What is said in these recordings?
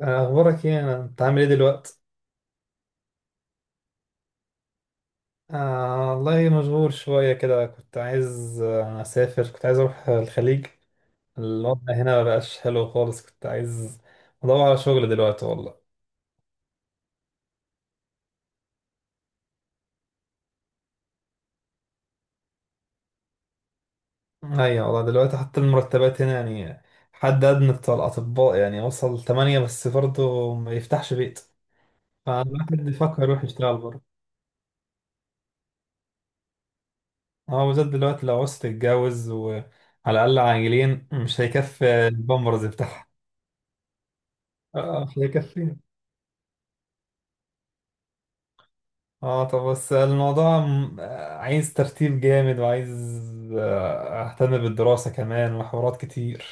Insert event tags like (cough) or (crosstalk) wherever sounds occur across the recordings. أخبارك إيه؟ أنت عامل إيه دلوقتي؟ آه والله مشغول شوية كده كنت عايز أسافر، كنت عايز أروح الخليج. الوضع هنا مبقاش حلو خالص، كنت عايز أدور على شغل دلوقتي والله. أيوة والله دلوقتي حتى المرتبات هنا، يعني حد أدنى بتاع الأطباء يعني وصل تمانية بس برضه ما يفتحش بيت. فالواحد بيفكر يروح يشتغل بره، هو بالذات دلوقتي لو عوزت تتجوز، وعلى الأقل عاجلين مش هيكفي البامبرز بتاعها. اه مش هيكفي. اه طب بس الموضوع م- آه، عايز ترتيب جامد، وعايز اهتم بالدراسة كمان وحوارات كتير.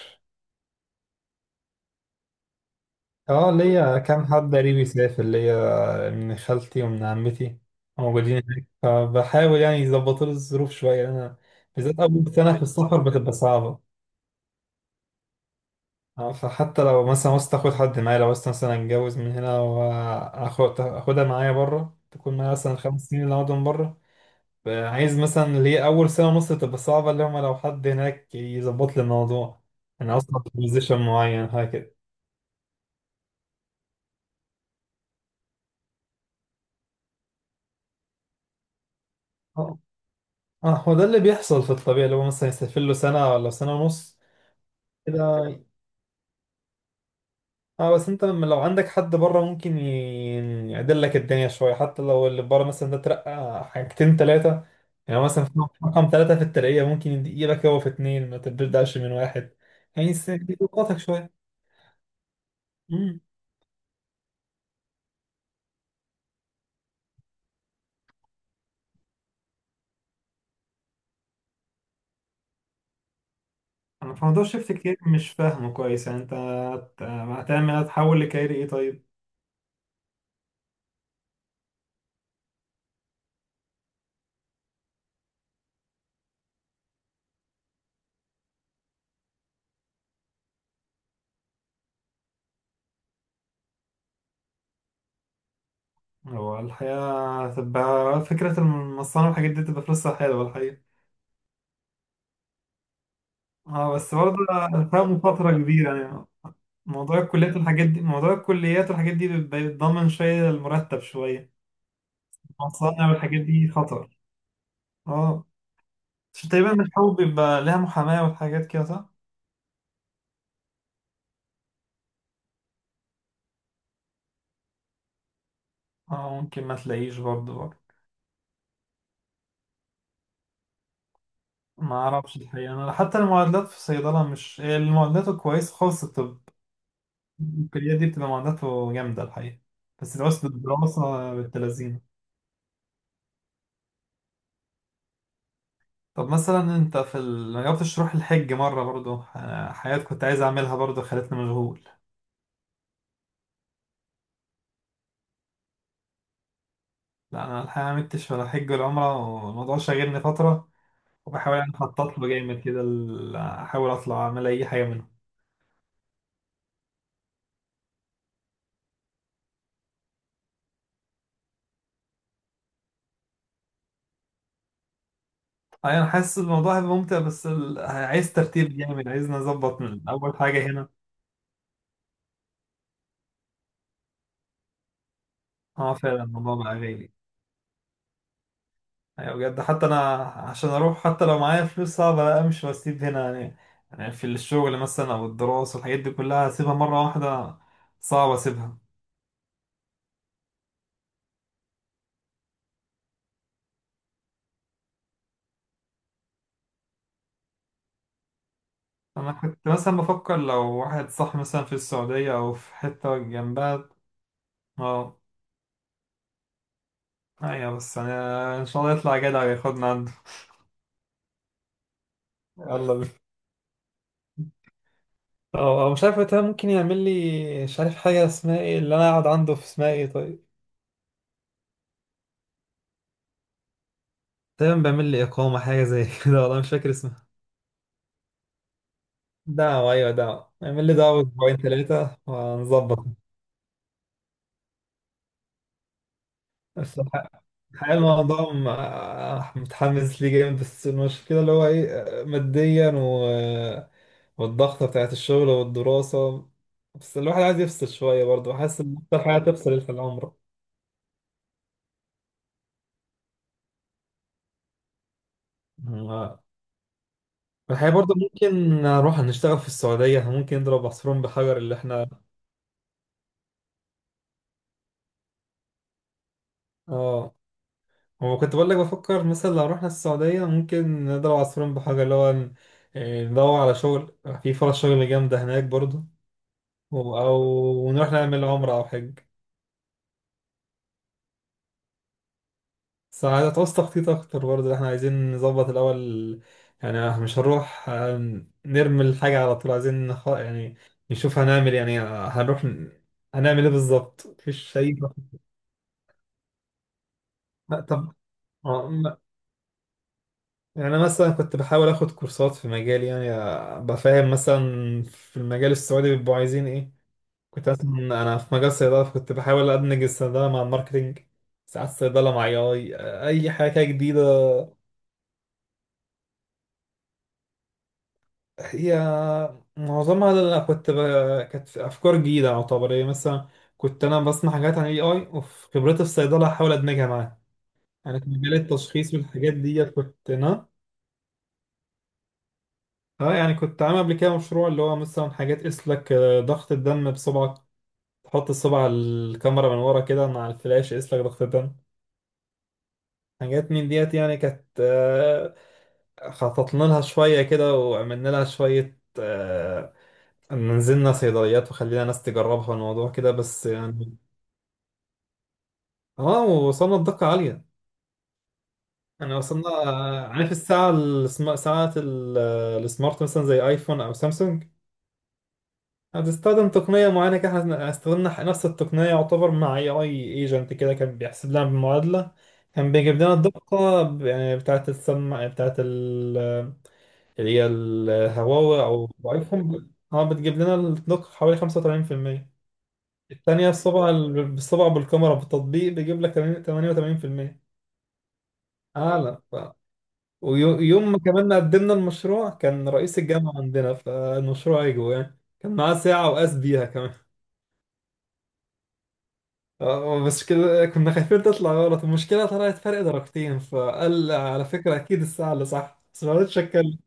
اه ليا كام حد قريبي يسافر ليا، من خالتي ومن عمتي موجودين هناك، فبحاول يعني يظبطوا لي الظروف شوية. انا بالذات اول سنة في السفر بتبقى صعبة. اه فحتى لو مثلا عاوزت اخد حد معايا، لو عاوزت مثلا اتجوز من هنا واخد اخدها معايا بره، تكون معايا مثلا 5 سنين اللي اقعدهم بره. عايز مثلا ليه اول سنه ونص تبقى صعبه، اللي هم لو حد هناك يظبط لي الموضوع. انا اصلا في بوزيشن معين هكذا. اه هو ده اللي بيحصل في الطبيعي، اللي هو مثلا يسافر له سنه ولا سنه ونص كده. اه بس انت لما لو عندك حد بره ممكن يعدل لك الدنيا شويه، حتى لو اللي بره مثلا ده ترقى حاجتين ثلاثه. يعني مثلا في رقم ثلاثه في الترقيه ممكن يديلك هو في اثنين، ما تبداش من واحد. يعني يضغطك شويه. انا في موضوع شيفت كتير مش فاهمه كويس، يعني انت هتعمل، هتحول لكاري ايه طيب؟ هو الحقيقة هتبقى فكرة المصانع والحاجات دي تبقى فلوسها حلوة الحقيقة. اه بس برضه أنا فاهمه فترة كبيرة يعني. موضوع الكليات والحاجات دي بيبقى بيتضمن شوية، المرتب شوية المصانع والحاجات دي خطر. اه عشان تقريبا الحقوق بيبقى لها محاماة والحاجات كده صح؟ اه ممكن ما تلاقيش برضه. ما اعرفش الحقيقة، انا حتى المعادلات في الصيدلة مش المعادلات الكويسة خالص. الكليات دي بتبقى معداته جامدة الحقيقة. بس الدراسة بالتلازيم. طب مثلا انت ما جربتش تروح الحج مرة برضو؟ أنا حاجات كنت عايز اعملها برضو خلتني مشغول. لا انا الحقيقة ما عملتش ولا حج ولا عمرة، والموضوع شاغلني فترة، وبحاول يعني اخطط له جامد كده، احاول اطلع اعمل اي حاجة منهم. أي انا حاسس الموضوع هيبقى ممتع، بس عايز ترتيب جامد، عايز نظبط من اول حاجة هنا. اه فعلا الموضوع بقى غالي. يعني بجد حتى انا عشان اروح، حتى لو معايا فلوس صعب لا امشي واسيب هنا يعني. يعني في الشغل مثلا او الدراسه والحاجات دي كلها، اسيبها مره واحده صعب اسيبها. انا كنت مثلا بفكر لو واحد صح مثلا في السعوديه او في حته جنبها. اه ايوه بس يعني ان شاء الله يطلع جدع وياخدنا عنده. يلا بينا. اه مش عارف وقتها ممكن يعمل لي، مش عارف حاجة اسمها ايه، اللي انا اقعد عنده في اسمها ايه طيب. تقريبا بيعمل لي اقامة، حاجة زي كده والله مش فاكر اسمها. دعوة، أيوة دعوة، اعمل لي دعوة أسبوعين ثلاثة وهنظبط. بس الحقيقة الموضوع م- آه، متحمس ليه جامد، بس المشكلة اللي هو إيه، ماديا والضغطة بتاعت الشغل والدراسة. بس الواحد عايز يفصل شوية برضه، حاسس إن أكتر حاجة تفصل في العمر. آه. الحقيقة برضه ممكن نروح نشتغل في السعودية، ممكن نضرب عصفورين بحجر اللي إحنا. آه هو كنت بقول لك بفكر مثلا لو رحنا السعودية ممكن نضرب عصفورين بحجر، اللي هو ندور على شغل، في فرص شغل جامدة هناك برضو. أو نروح نعمل عمرة أو حج. بس تعوز تخطيط أكتر برضو، احنا عايزين نظبط الأول. يعني مش هنروح نرمي الحاجة على طول، عايزين يعني نشوف هنعمل إيه، يعني هنعمل ايه بالظبط، مفيش أي. طب آه، يعني انا مثلا كنت بحاول اخد كورسات في مجالي، يعني بفهم مثلا في المجال السعودي بيبقوا عايزين ايه. كنت مثلا انا في مجال الصيدله كنت بحاول ادمج الصيدله مع الماركتينج، ساعات الصيدله مع اي حاجه كده جديده. هي معظمها اللي انا كانت افكار جديده يعتبر، يعني مثلا كنت انا بسمع حاجات عن الاي اي وفي خبرتي في الصيدله احاول ادمجها معاها. يعني في مجال التشخيص والحاجات دي كنت انا. اه يعني كنت عامل قبل كده مشروع، اللي هو مثلا حاجات تقيس لك ضغط الدم بصبعك، تحط الصبع على الكاميرا من ورا كده مع الفلاش يقيس لك ضغط الدم. حاجات من ديت يعني، كانت خططنا لها شوية كده، وعملنا لها شوية، نزلنا صيدليات وخلينا ناس تجربها الموضوع كده بس يعني. اه وصلنا لدقة عالية. يعني وصلنا، عارف الساعة السمارت، مثلا زي ايفون او سامسونج، هتستخدم تقنية معينة كده، احنا استخدمنا نفس التقنية يعتبر مع اي اي ايجنت كده، كان بيحسب لنا بالمعادلة. كان بيجيب لنا الدقة يعني بتاعة السمع بتاعة اللي هي الهواوي أو ضعيفهم، اه بتجيب لنا الدقة حوالي 35%. التانية الصبع بالصبع بالكاميرا بالتطبيق بيجيب لك 88%. أعلى ف... ويوم ما كمان قدمنا المشروع كان رئيس الجامعة عندنا فالمشروع اجوا، يعني كان معاه ساعة وقاس بيها كمان. بس كده كنا خايفين تطلع غلط، المشكلة طلعت فرق درجتين، فقال على فكرة أكيد الساعة اللي صح، بس ما رضيتش أتكلم.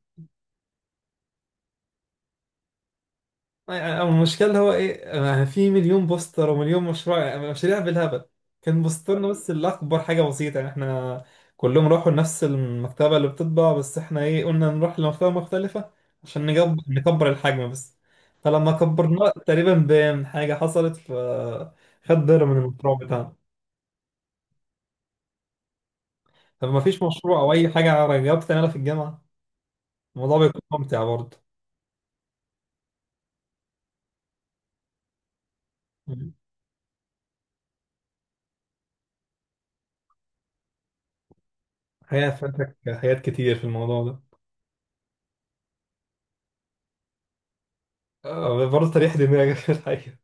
يعني المشكلة اللي هو إيه، يعني في مليون بوستر ومليون مشروع، يعني مشاريع بالهبل، كان بوسترنا بس اللي أكبر حاجة بسيطة، يعني إحنا كلهم راحوا لنفس المكتبة اللي بتطبع، بس إحنا إيه قلنا نروح لمكتبة مختلفة عشان نكبر الحجم بس. فلما كبرناه تقريبا بان حاجة حصلت، فخد ضرر من المشروع بتاعنا. فما فيش مشروع أو أي حاجة جاوبت تعملها في الجامعة، الموضوع بيكون ممتع برضه. مم. هي فاتك حاجات كتير في الموضوع ده. برضه تريح دماغك (laughs) في الحقيقة.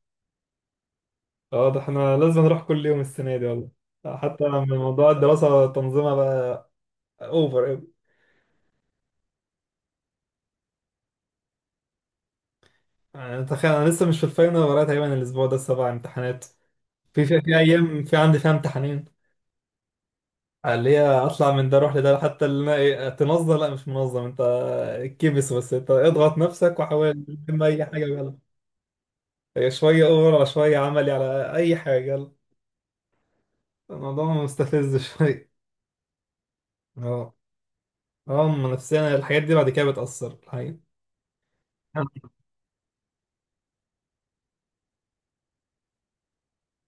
واضح احنا لازم نروح كل يوم السنة دي والله، حتى من موضوع الدراسة، تنظيمها بقى اوفر أوي. يعني تخيل انا لسه مش في الفاينل، ورايا تقريبا الاسبوع ده 7 امتحانات. في ايام في عندي فيها امتحانين، اللي هي اطلع من ده اروح لده. حتى اللي انا تنظم لا مش منظم انت، كبس بس انت اضغط نفسك وحاول تلم اي حاجة يلا. هي شوية اوفر على شوية عملي على اي حاجة يلا، الموضوع مستفز شوية. اه اه أما نفسيا الحاجات دي بعد كده بتأثر الحقيقة.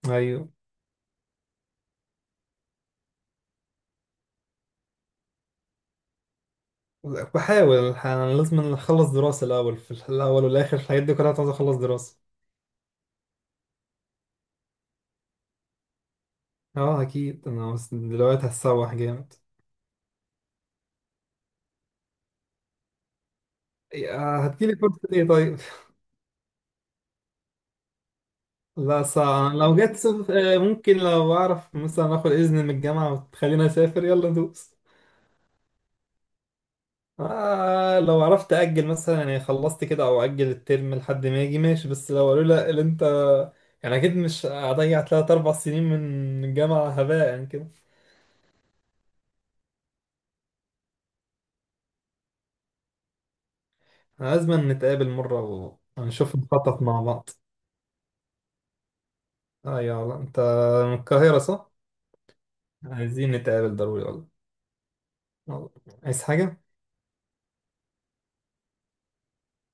أيوه بحاول الحقيقة، أنا لازم أخلص دراسة الأول، في الأول والآخر الحاجات دي كلها عاوز أخلص دراسة. اه أكيد أنا بس دلوقتي هتسوح جامد. يا هتجيلي فرصة إيه طيب؟ (laughs) لا صعب لو جت سف- آه، ممكن لو أعرف مثلا آخد إذن من الجامعة وتخليني أسافر يلا ندوس. آه لو عرفت أجل مثلا، يعني خلصت كده أو أجل الترم لحد ما يجي ماشي، بس لو قالوا لا اللي أنت، يعني أكيد مش هضيع تلات أربع سنين من الجامعة هباء يعني كده. لازم نتقابل مرة ونشوف نخطط مع بعض. أيوة والله، أنت من القاهرة صح؟ عايزين نتقابل ضروري والله. والله. عايز حاجة؟